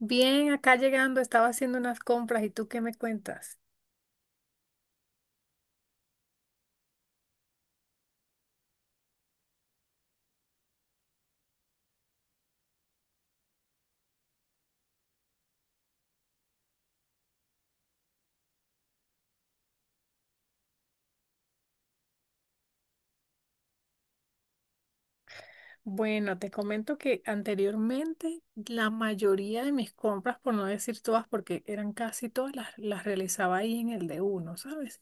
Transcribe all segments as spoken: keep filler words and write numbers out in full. Bien, acá llegando, estaba haciendo unas compras y tú qué me cuentas. Bueno, te comento que anteriormente la mayoría de mis compras, por no decir todas, porque eran casi todas, las, las realizaba ahí en el de uno, ¿sabes?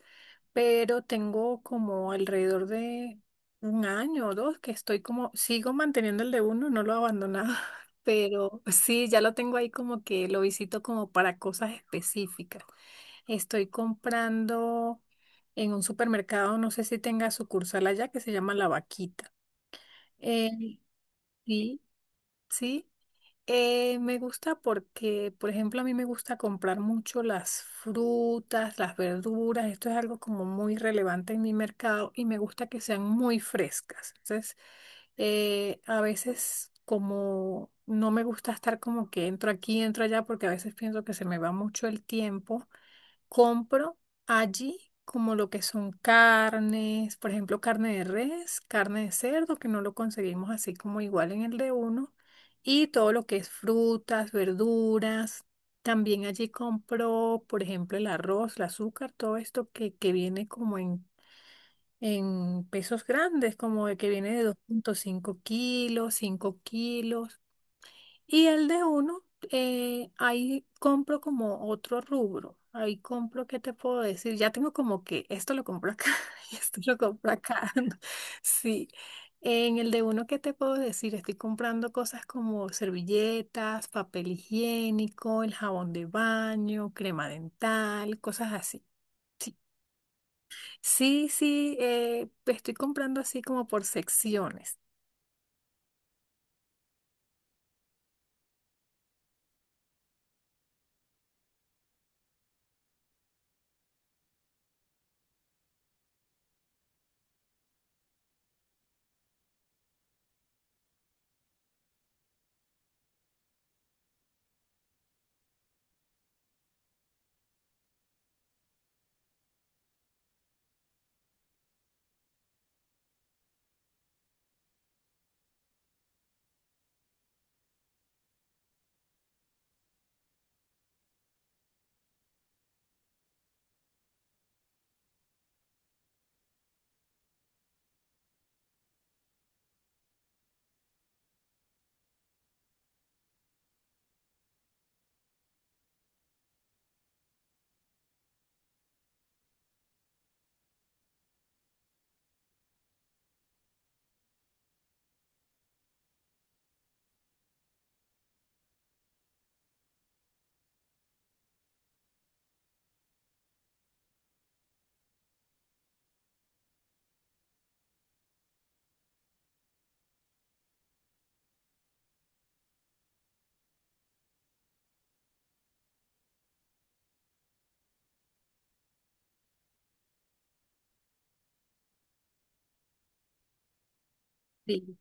Pero tengo como alrededor de un año o dos que estoy como, sigo manteniendo el de uno, no lo he abandonado, pero sí, ya lo tengo ahí como que lo visito como para cosas específicas. Estoy comprando en un supermercado, no sé si tenga sucursal allá, que se llama La Vaquita. Eh, sí, sí. Eh, me gusta porque, por ejemplo, a mí me gusta comprar mucho las frutas, las verduras. Esto es algo como muy relevante en mi mercado y me gusta que sean muy frescas. Entonces, eh, a veces como no me gusta estar como que entro aquí, entro allá, porque a veces pienso que se me va mucho el tiempo. Compro allí como lo que son carnes, por ejemplo, carne de res, carne de cerdo, que no lo conseguimos así como igual en el de uno, y todo lo que es frutas, verduras. También allí compro, por ejemplo, el arroz, el azúcar, todo esto que, que viene como en, en pesos grandes, como de que viene de dos punto cinco kilos, cinco kilos. Y el de uno, eh, ahí compro como otro rubro. Ahí compro, ¿qué te puedo decir? Ya tengo como que esto lo compro acá y esto lo compro acá. Sí. En el de uno, ¿qué te puedo decir? Estoy comprando cosas como servilletas, papel higiénico, el jabón de baño, crema dental, cosas así. Sí, sí, sí, eh, estoy comprando así como por secciones. Sí.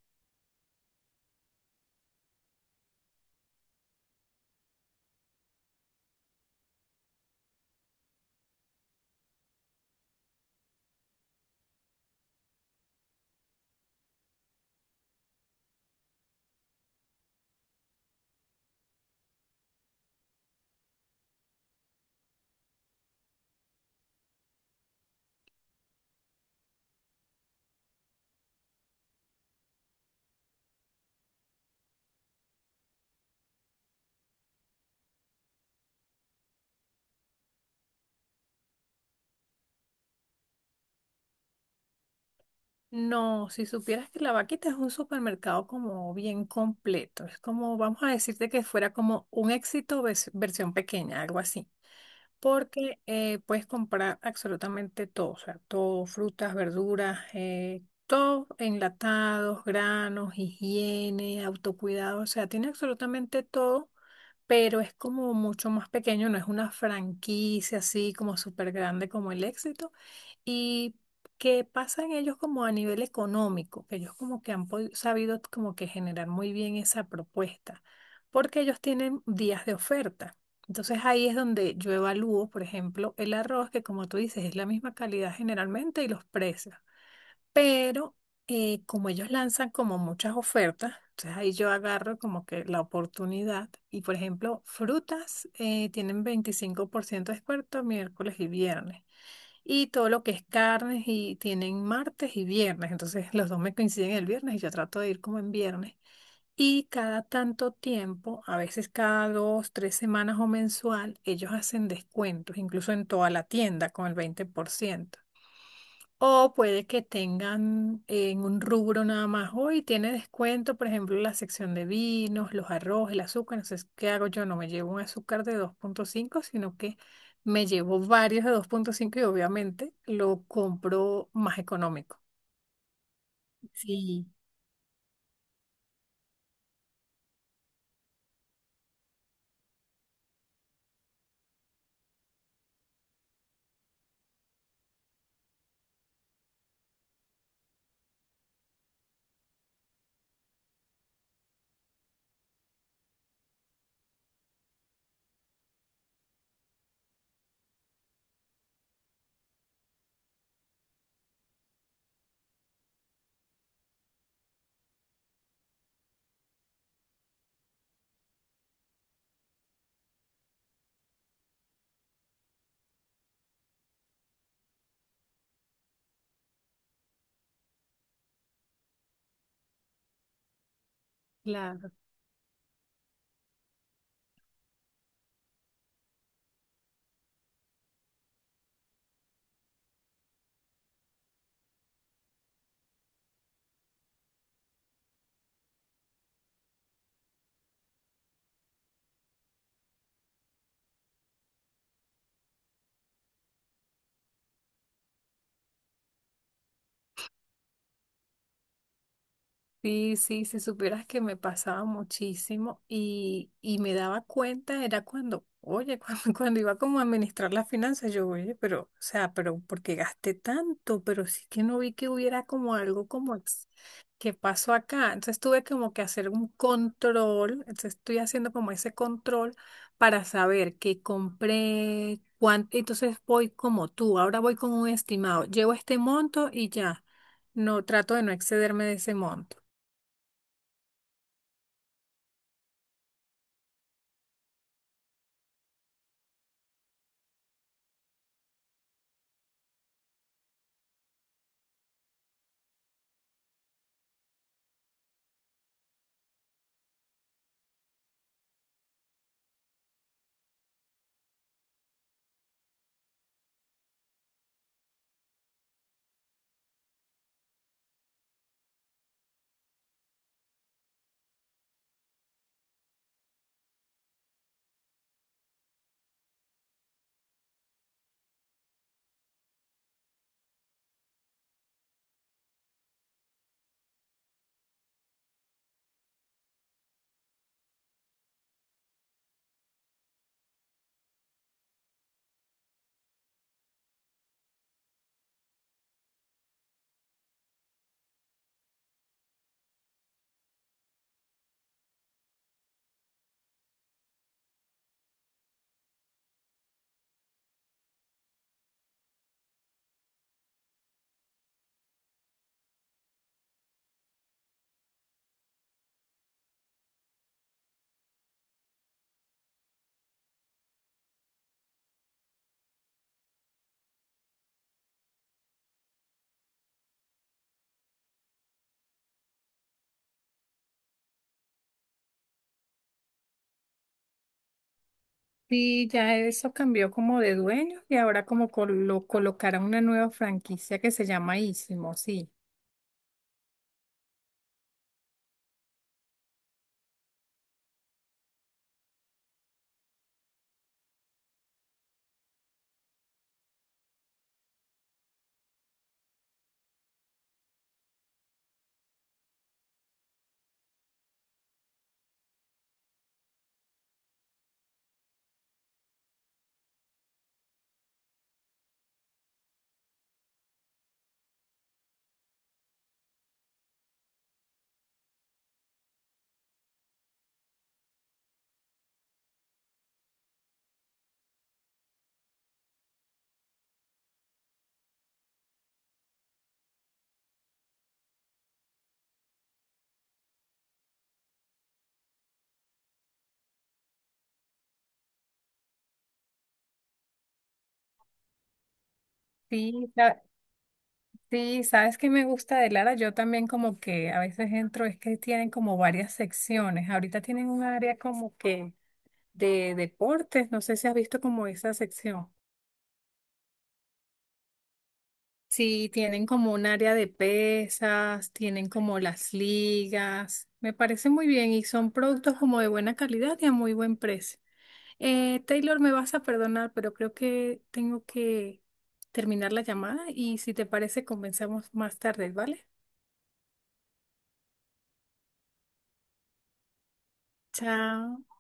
No, si supieras que la Vaquita es un supermercado como bien completo, es como, vamos a decirte que fuera como un éxito ves- versión pequeña, algo así, porque eh, puedes comprar absolutamente todo, o sea, todo, frutas, verduras, eh, todo, enlatados, granos, higiene, autocuidado, o sea, tiene absolutamente todo, pero es como mucho más pequeño, no es una franquicia así como súper grande como el éxito. ¿Y qué pasa en ellos como a nivel económico? Que ellos como que han podi- sabido como que generar muy bien esa propuesta, porque ellos tienen días de oferta. Entonces ahí es donde yo evalúo, por ejemplo, el arroz, que como tú dices, es la misma calidad generalmente y los precios, pero eh, como ellos lanzan como muchas ofertas, entonces ahí yo agarro como que la oportunidad y, por ejemplo, frutas eh, tienen veinticinco por ciento de descuento miércoles y viernes, y todo lo que es carnes y tienen martes y viernes, entonces los dos me coinciden el viernes y yo trato de ir como en viernes. Y cada tanto tiempo, a veces cada dos, tres semanas o mensual, ellos hacen descuentos, incluso en toda la tienda con el veinte por ciento, o puede que tengan en un rubro nada más, hoy tiene descuento, por ejemplo, la sección de vinos, los arroz, el azúcar. Entonces, ¿qué hago yo? No me llevo un azúcar de dos punto cinco, sino que me llevo varios de dos punto cinco y obviamente lo compro más económico. Sí, Sí, sí, si supieras que me pasaba muchísimo y, y me daba cuenta, era cuando, oye, cuando, cuando iba como a administrar las finanzas, yo, oye, pero, o sea, pero ¿por qué gasté tanto? Pero sí que no vi que hubiera como algo como ex- que pasó acá. Entonces tuve como que hacer un control, entonces estoy haciendo como ese control para saber qué compré, cuánto. Entonces voy como tú, ahora voy con un estimado, llevo este monto y ya. No, trato de no excederme de ese monto. Sí, ya eso cambió como de dueño y ahora como col- lo colocaron una nueva franquicia que se llama Ísimo, sí. Sí, sa- sí, sabes que me gusta de Lara, yo también como que a veces entro, es que tienen como varias secciones, ahorita tienen un área como que de deportes, no sé si has visto como esa sección. Sí, tienen como un área de pesas, tienen como las ligas, me parece muy bien y son productos como de buena calidad y a muy buen precio. Eh, Taylor, me vas a perdonar, pero creo que tengo que terminar la llamada y, si te parece, comenzamos más tarde, ¿vale? Chao.